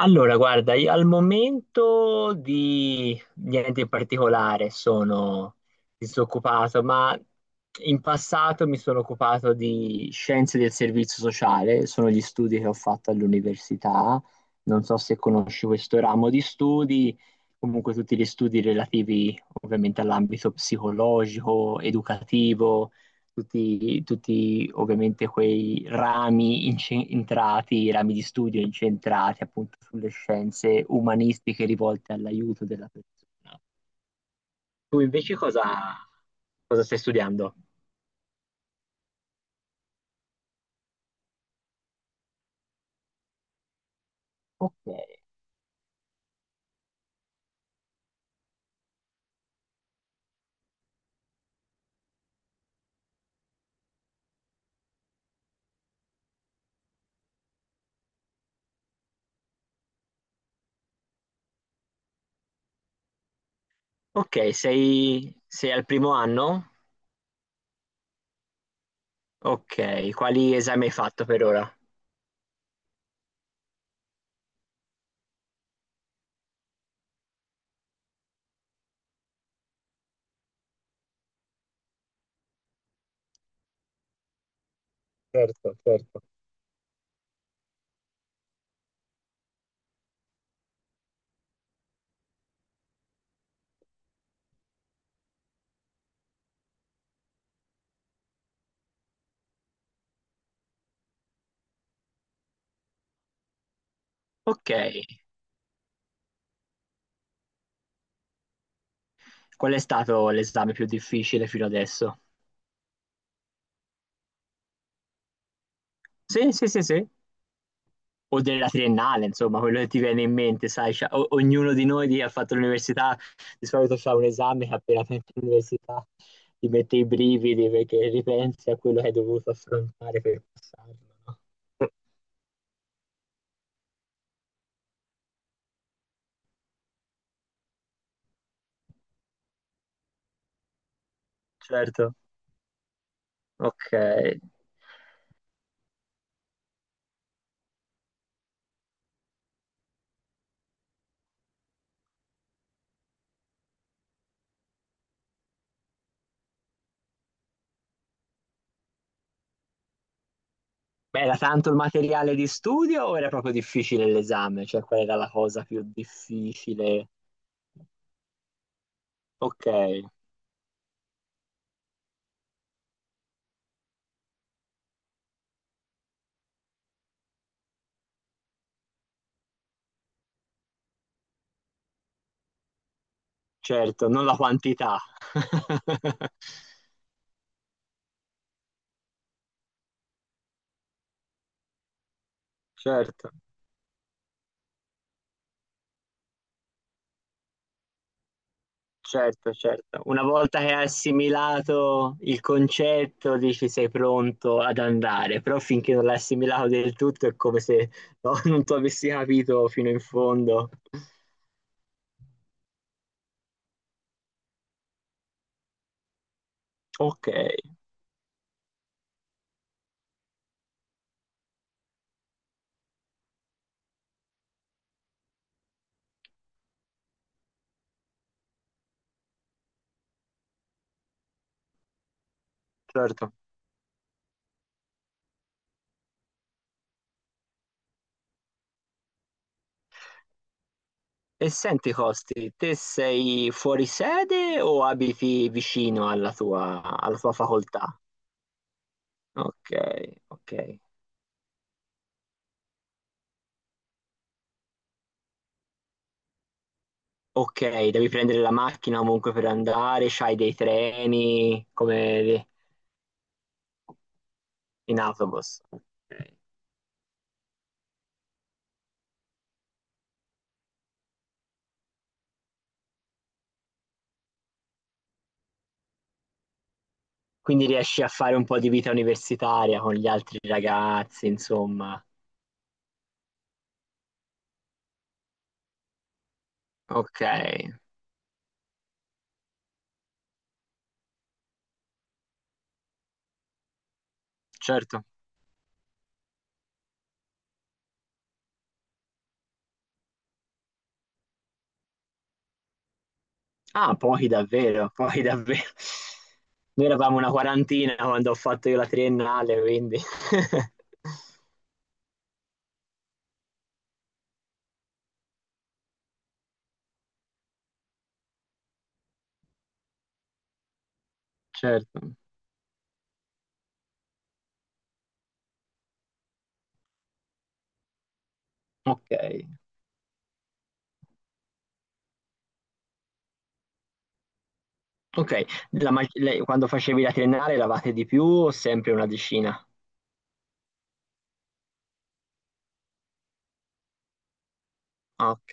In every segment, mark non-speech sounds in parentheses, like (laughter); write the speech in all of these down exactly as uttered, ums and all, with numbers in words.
Allora, guarda, io al momento di niente in particolare sono disoccupato, ma in passato mi sono occupato di scienze del servizio sociale, sono gli studi che ho fatto all'università, non so se conosci questo ramo di studi, comunque tutti gli studi relativi ovviamente all'ambito psicologico, educativo, tutti, tutti ovviamente quei rami incentrati, rami di studio incentrati appunto sulle scienze umanistiche rivolte all'aiuto della persona. Tu invece cosa, cosa stai studiando? Ok, ok, sei, sei al primo anno? Ok, quali esami hai fatto per ora? Certo, certo. Ok, qual è stato l'esame più difficile fino adesso? Sì, sì, sì, sì. O della triennale, insomma, quello che ti viene in mente, sai, c'ha- o- ognuno di noi che ha fatto l'università di solito fa un esame che appena finisce l'università ti mette i brividi perché ripensi a quello che hai dovuto affrontare per passarlo, no? Certo, ok. Beh, era tanto il materiale di studio o era proprio difficile l'esame? Cioè, qual era la cosa più difficile? Ok, certo, non la quantità. (laughs) Certo. Certo, certo. Una volta che hai assimilato il concetto, dici sei pronto ad andare, però finché non l'hai assimilato del tutto è come se no, (laughs) non tu avessi capito fino in fondo. Ok, certo. E senti, Costi, te sei fuori sede o abiti vicino alla tua, alla tua facoltà? Ok, ok. Ok, devi prendere la macchina comunque per andare, c'hai dei treni come in autobus. Ok. Quindi riesci a fare un po' di vita universitaria con gli altri ragazzi, insomma. Ok, certo. Ah, pochi davvero, pochi davvero. Noi eravamo una quarantina quando ho fatto io la triennale, quindi (laughs) certo. Ok, ok. La mag- lei- quando facevi la triennale eravate di più o sempre una decina? Ah, ok,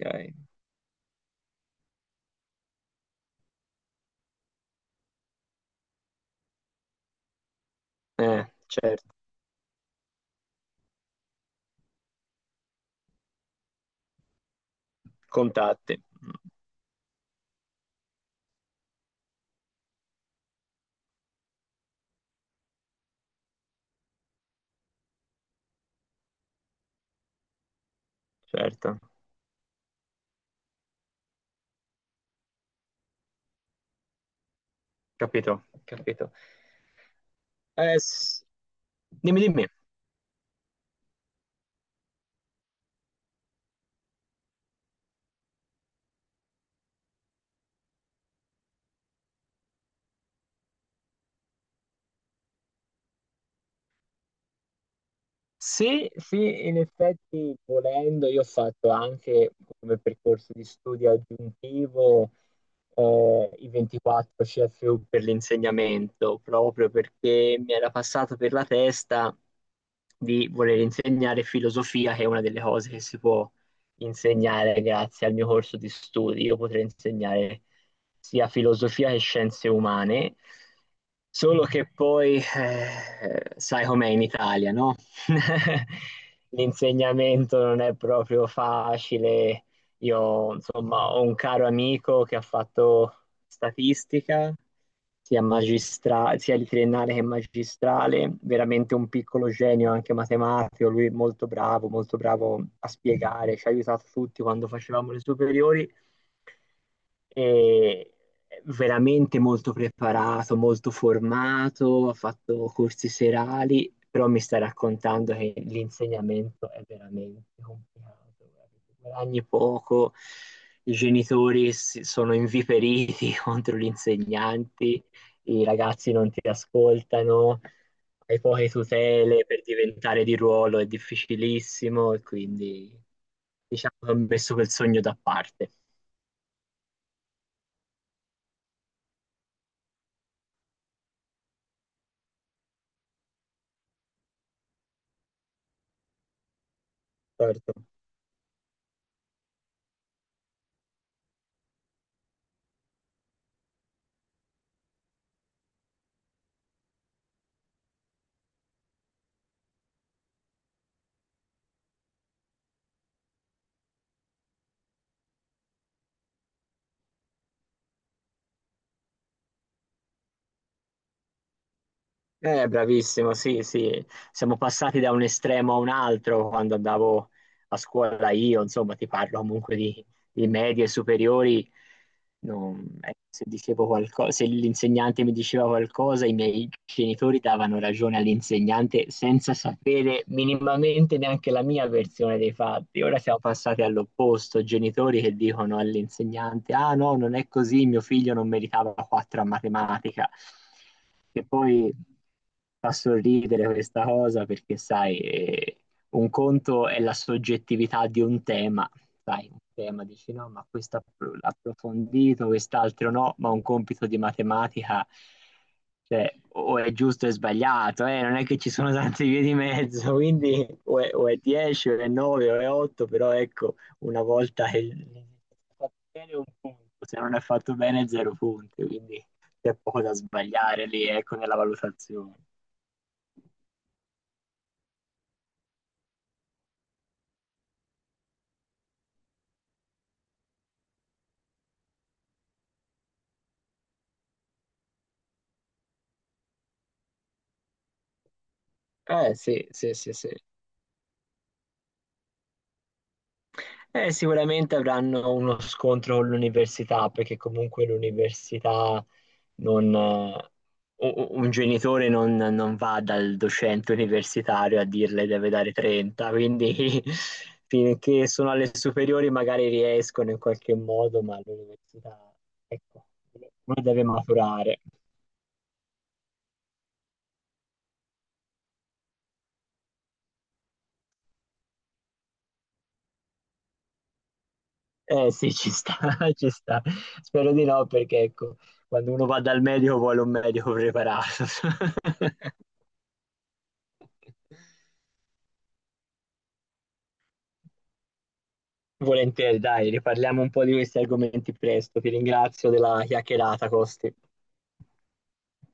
eh, certo. Contatti, certo. Capito, capito. Eh, s- Dimmi, dimmi. Sì, sì, in effetti volendo io ho fatto anche come percorso di studio aggiuntivo, eh, i ventiquattro C F U per l'insegnamento, proprio perché mi era passato per la testa di voler insegnare filosofia, che è una delle cose che si può insegnare grazie al mio corso di studi. Io potrei insegnare sia filosofia che scienze umane, solo che poi, eh, sai com'è in Italia, no? (laughs) L'insegnamento non è proprio facile, io, insomma, ho un caro amico che ha fatto statistica, sia magistrale, sia di triennale che magistrale, veramente un piccolo genio anche matematico, lui è molto bravo, molto bravo a spiegare, ci ha aiutato tutti quando facevamo le superiori e veramente molto preparato, molto formato, ha fatto corsi serali, però mi stai raccontando che l'insegnamento è veramente complicato, guarda, tu guadagni poco, i genitori si- sono inviperiti (laughs) contro gli insegnanti, i ragazzi non ti ascoltano, hai poche tutele per diventare di ruolo, è difficilissimo e quindi diciamo che ho messo quel sogno da parte. Certo. Eh, bravissimo, sì, sì, siamo passati da un estremo a un altro quando andavo a scuola io, insomma, ti parlo comunque di, di medie superiori, non- eh, se dicevo qualcosa, se l'insegnante mi diceva qualcosa, i miei genitori davano ragione all'insegnante senza sapere minimamente neanche la mia versione dei fatti. Ora siamo passati all'opposto, genitori che dicono all'insegnante, ah no, non è così, mio figlio non meritava quattro a matematica. Che poi fa sorridere questa cosa perché, sai, eh, un conto è la soggettività di un tema, sai, un tema dici no, ma questo app- approfondito, quest'altro no, ma un compito di matematica, cioè, o è giusto o è sbagliato, eh, non è che ci sono tante vie di mezzo, (laughs) quindi o è, o è dieci o è nove o è otto, però ecco, una volta che è fatto bene un punto, se non è fatto bene zero punti, quindi c'è poco da sbagliare lì, ecco, nella valutazione. Eh sì, sì, sì, sì. Eh, sicuramente avranno uno scontro con l'università, perché comunque l'università non... eh, u- u- un genitore non, non va dal docente universitario a dirle deve dare trenta, quindi (laughs) finché sono alle superiori magari riescono in qualche modo, ma all'università, ecco, uno deve maturare. Eh sì, ci sta, (laughs) ci sta. Spero di no, perché ecco, quando uno va dal medico vuole un medico preparato. (laughs) Volentieri, dai, riparliamo un po' di questi argomenti presto. Ti ringrazio della chiacchierata, Costi.